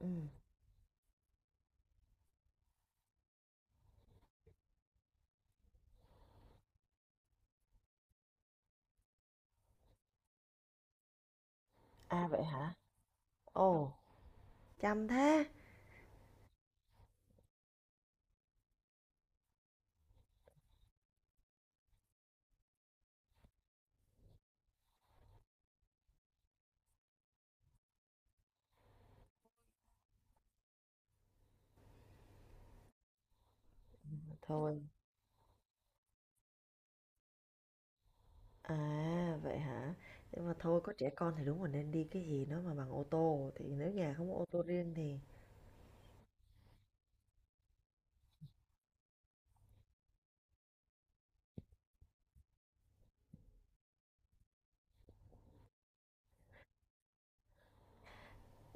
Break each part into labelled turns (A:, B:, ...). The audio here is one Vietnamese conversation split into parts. A: Ừm, à, vậy hả? Ồ. Chăm thế. Thôi, à, vậy hả? Nhưng mà thôi có trẻ con thì đúng là nên đi cái gì nó mà bằng ô tô, thì nếu nhà không có ô tô riêng thì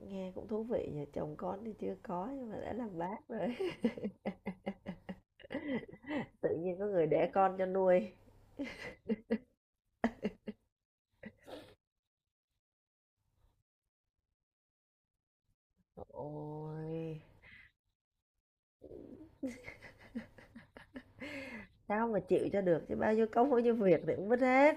A: nghe cũng thú vị nhỉ, chồng con thì chưa có nhưng mà đã làm bác rồi. Tự nhiên có người đẻ con cho nuôi. Ôi, sao mà chịu cho được chứ bao nhiêu công bao nhiêu việc thì cũng mất hết.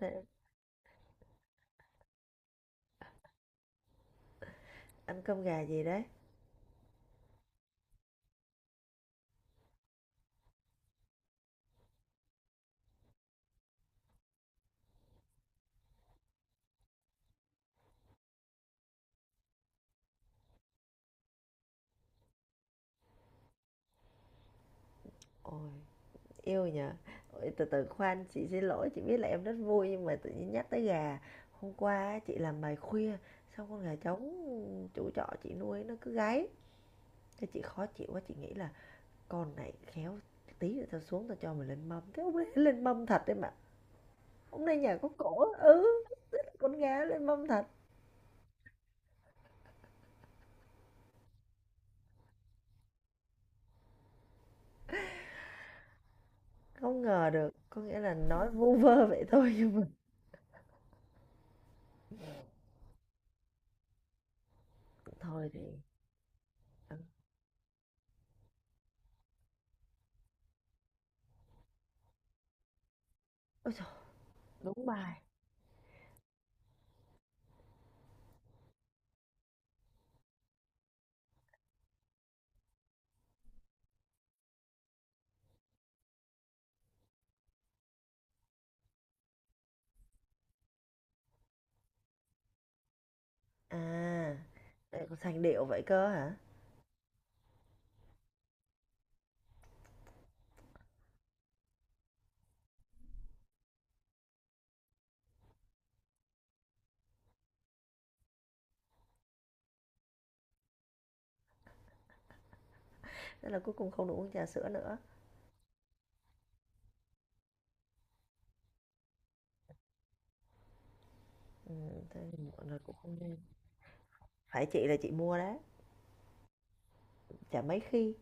A: Thế ăn cơm gà gì đấy? Ôi. Yêu nhỉ? Ôi, từ từ khoan, chị xin lỗi, chị biết là em rất vui nhưng mà tự nhiên nhắc tới gà. Hôm qua á, chị làm bài khuya, xong con gà trống chủ trọ chị nuôi nó cứ gáy. Thế chị khó chịu quá, chị nghĩ là con này khéo tí nữa tao xuống tao cho mày lên mâm. Thế hôm nay lên mâm thật đấy mà. Hôm nay nhà có cổ, á. Ừ, con gà lên mâm thật. Không ngờ được, có nghĩa là nói vu vơ vậy thôi nhưng mà thôi thì... ờ, ôi trời, đúng bài. À, lại còn sành điệu vậy cơ hả? Thế là cuối cùng không được uống trà sữa nữa. Thế thì muộn rồi cũng không nên. Phải chị là chị mua đấy, chả mấy khi.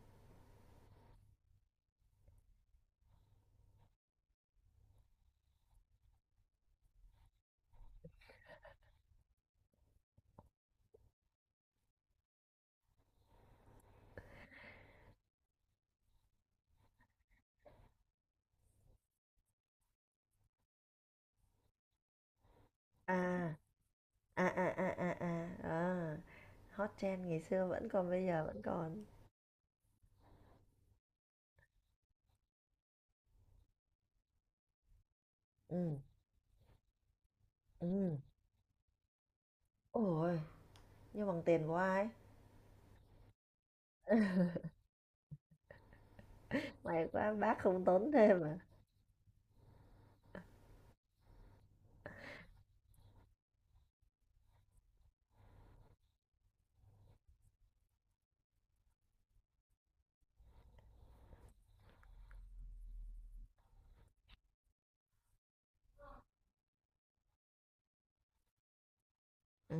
A: À, à, à, à, à, à, à. Hot trend ngày xưa vẫn còn bây giờ vẫn còn. Ừ, ừ. Ôi, nhưng bằng tiền của ai? May quá bác không tốn thêm à. Ừ.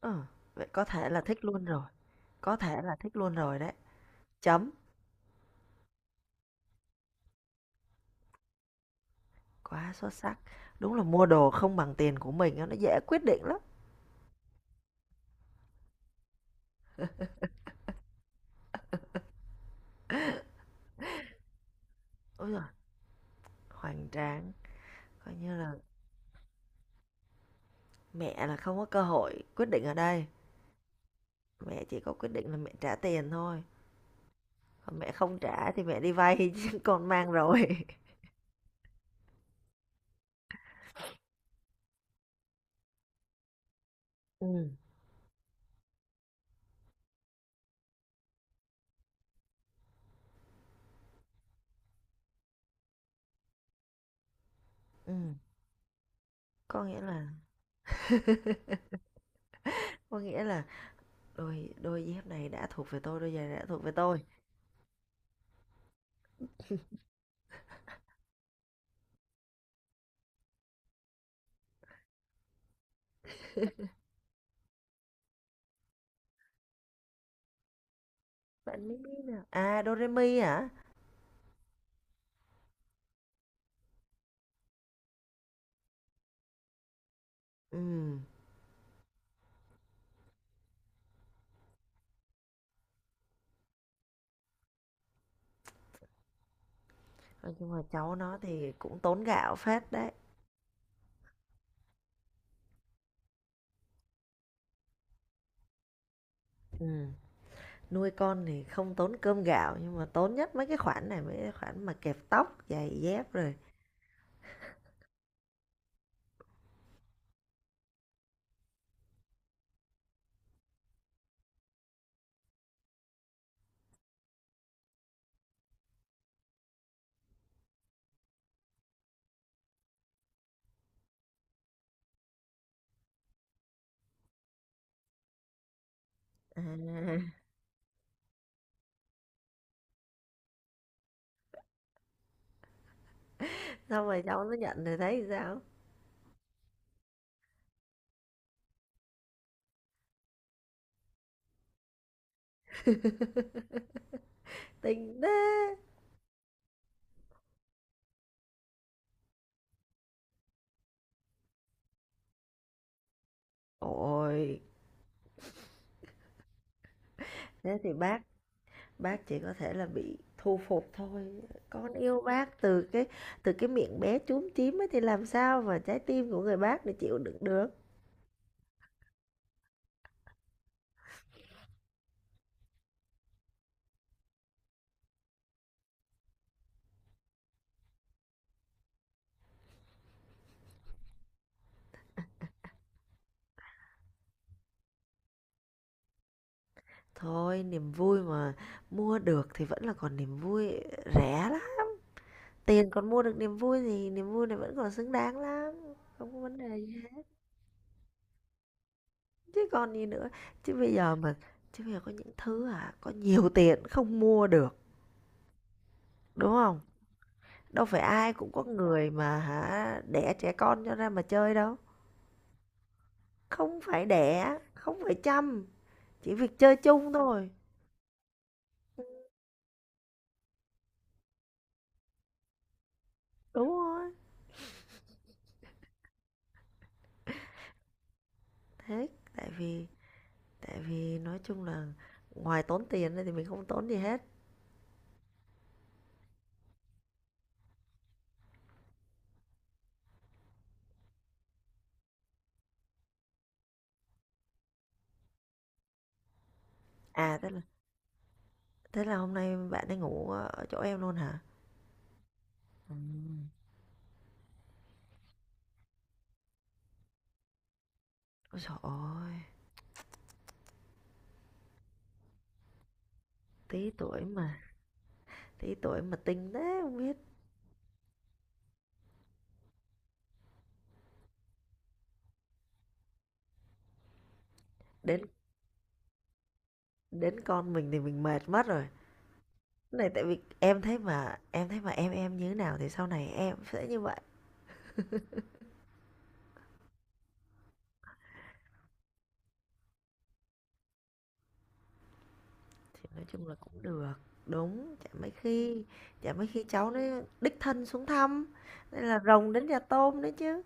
A: Ờ, vậy có thể là thích luôn rồi. Có thể là thích luôn rồi đấy. Chấm. Quá xuất sắc. Đúng là mua đồ không bằng tiền của mình á, nó dễ quyết định lắm. Ôi giời, hoành tráng. Coi như là mẹ là không có cơ hội quyết định ở đây, mẹ chỉ có quyết định là mẹ trả tiền thôi, còn mẹ không trả thì mẹ đi vay chứ con mang rồi. Ừm, ừm. Có nghĩa là có nghĩa là đôi đôi dép này đã thuộc về tôi, đôi giày này đã thuộc về tôi. Bạn mới biết là à, Doremi hả? Ừm, nói chung là cháu nó thì cũng tốn gạo phết đấy. Ừm, nuôi con thì không tốn cơm gạo nhưng mà tốn nhất mấy cái khoản này, mấy cái khoản mà kẹp tóc, giày dép rồi. À, xong rồi cháu nó nhận rồi thấy sao? Tình thế ôi thế thì bác chỉ có thể là bị thu phục thôi, con yêu bác từ cái miệng bé chúm chím ấy thì làm sao mà trái tim của người bác để chịu đựng được. Thôi niềm vui mà, mua được thì vẫn là còn niềm vui, rẻ lắm. Tiền còn mua được niềm vui thì niềm vui này vẫn còn xứng đáng lắm, không có vấn đề gì, chứ còn gì nữa. chứ bây giờ mà Chứ bây giờ có những thứ à có nhiều tiền không mua được, đúng không? Đâu phải ai cũng có người mà hả đẻ trẻ con cho ra mà chơi đâu. Không phải đẻ, không phải chăm, chỉ việc chơi chung thôi. Đúng rồi. Thế tại vì tại vì nói chung là ngoài tốn tiền ra thì mình không tốn gì hết. À thế là hôm nay bạn ấy ngủ ở chỗ em luôn hả? Ừ. Ôi trời ơi, tí tuổi mà, tí tuổi mà tinh thế không biết. Đến đến con mình thì mình mệt mất rồi. Cái này tại vì em thấy mà em như thế nào thì sau này em sẽ như vậy. Thì nói chung là cũng được, đúng, chả mấy khi, chả mấy khi cháu nó đích thân xuống thăm, nên là rồng đến nhà tôm đấy chứ.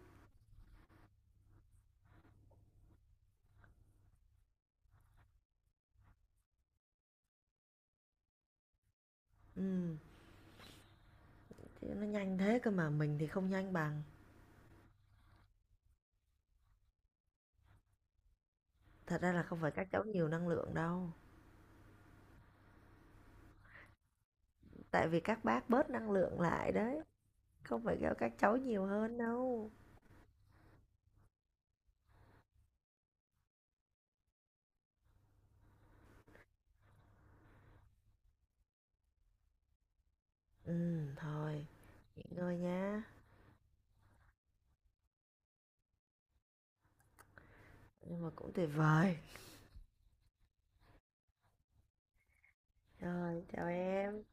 A: Ừm, chứ nó nhanh thế cơ mà mình thì không nhanh bằng. Thật ra là không phải các cháu nhiều năng lượng đâu, tại vì các bác bớt năng lượng lại đấy, không phải kêu các cháu nhiều hơn đâu. Thôi, nghỉ ngơi nha, nhưng mà cũng tuyệt vời. Rồi, chào em.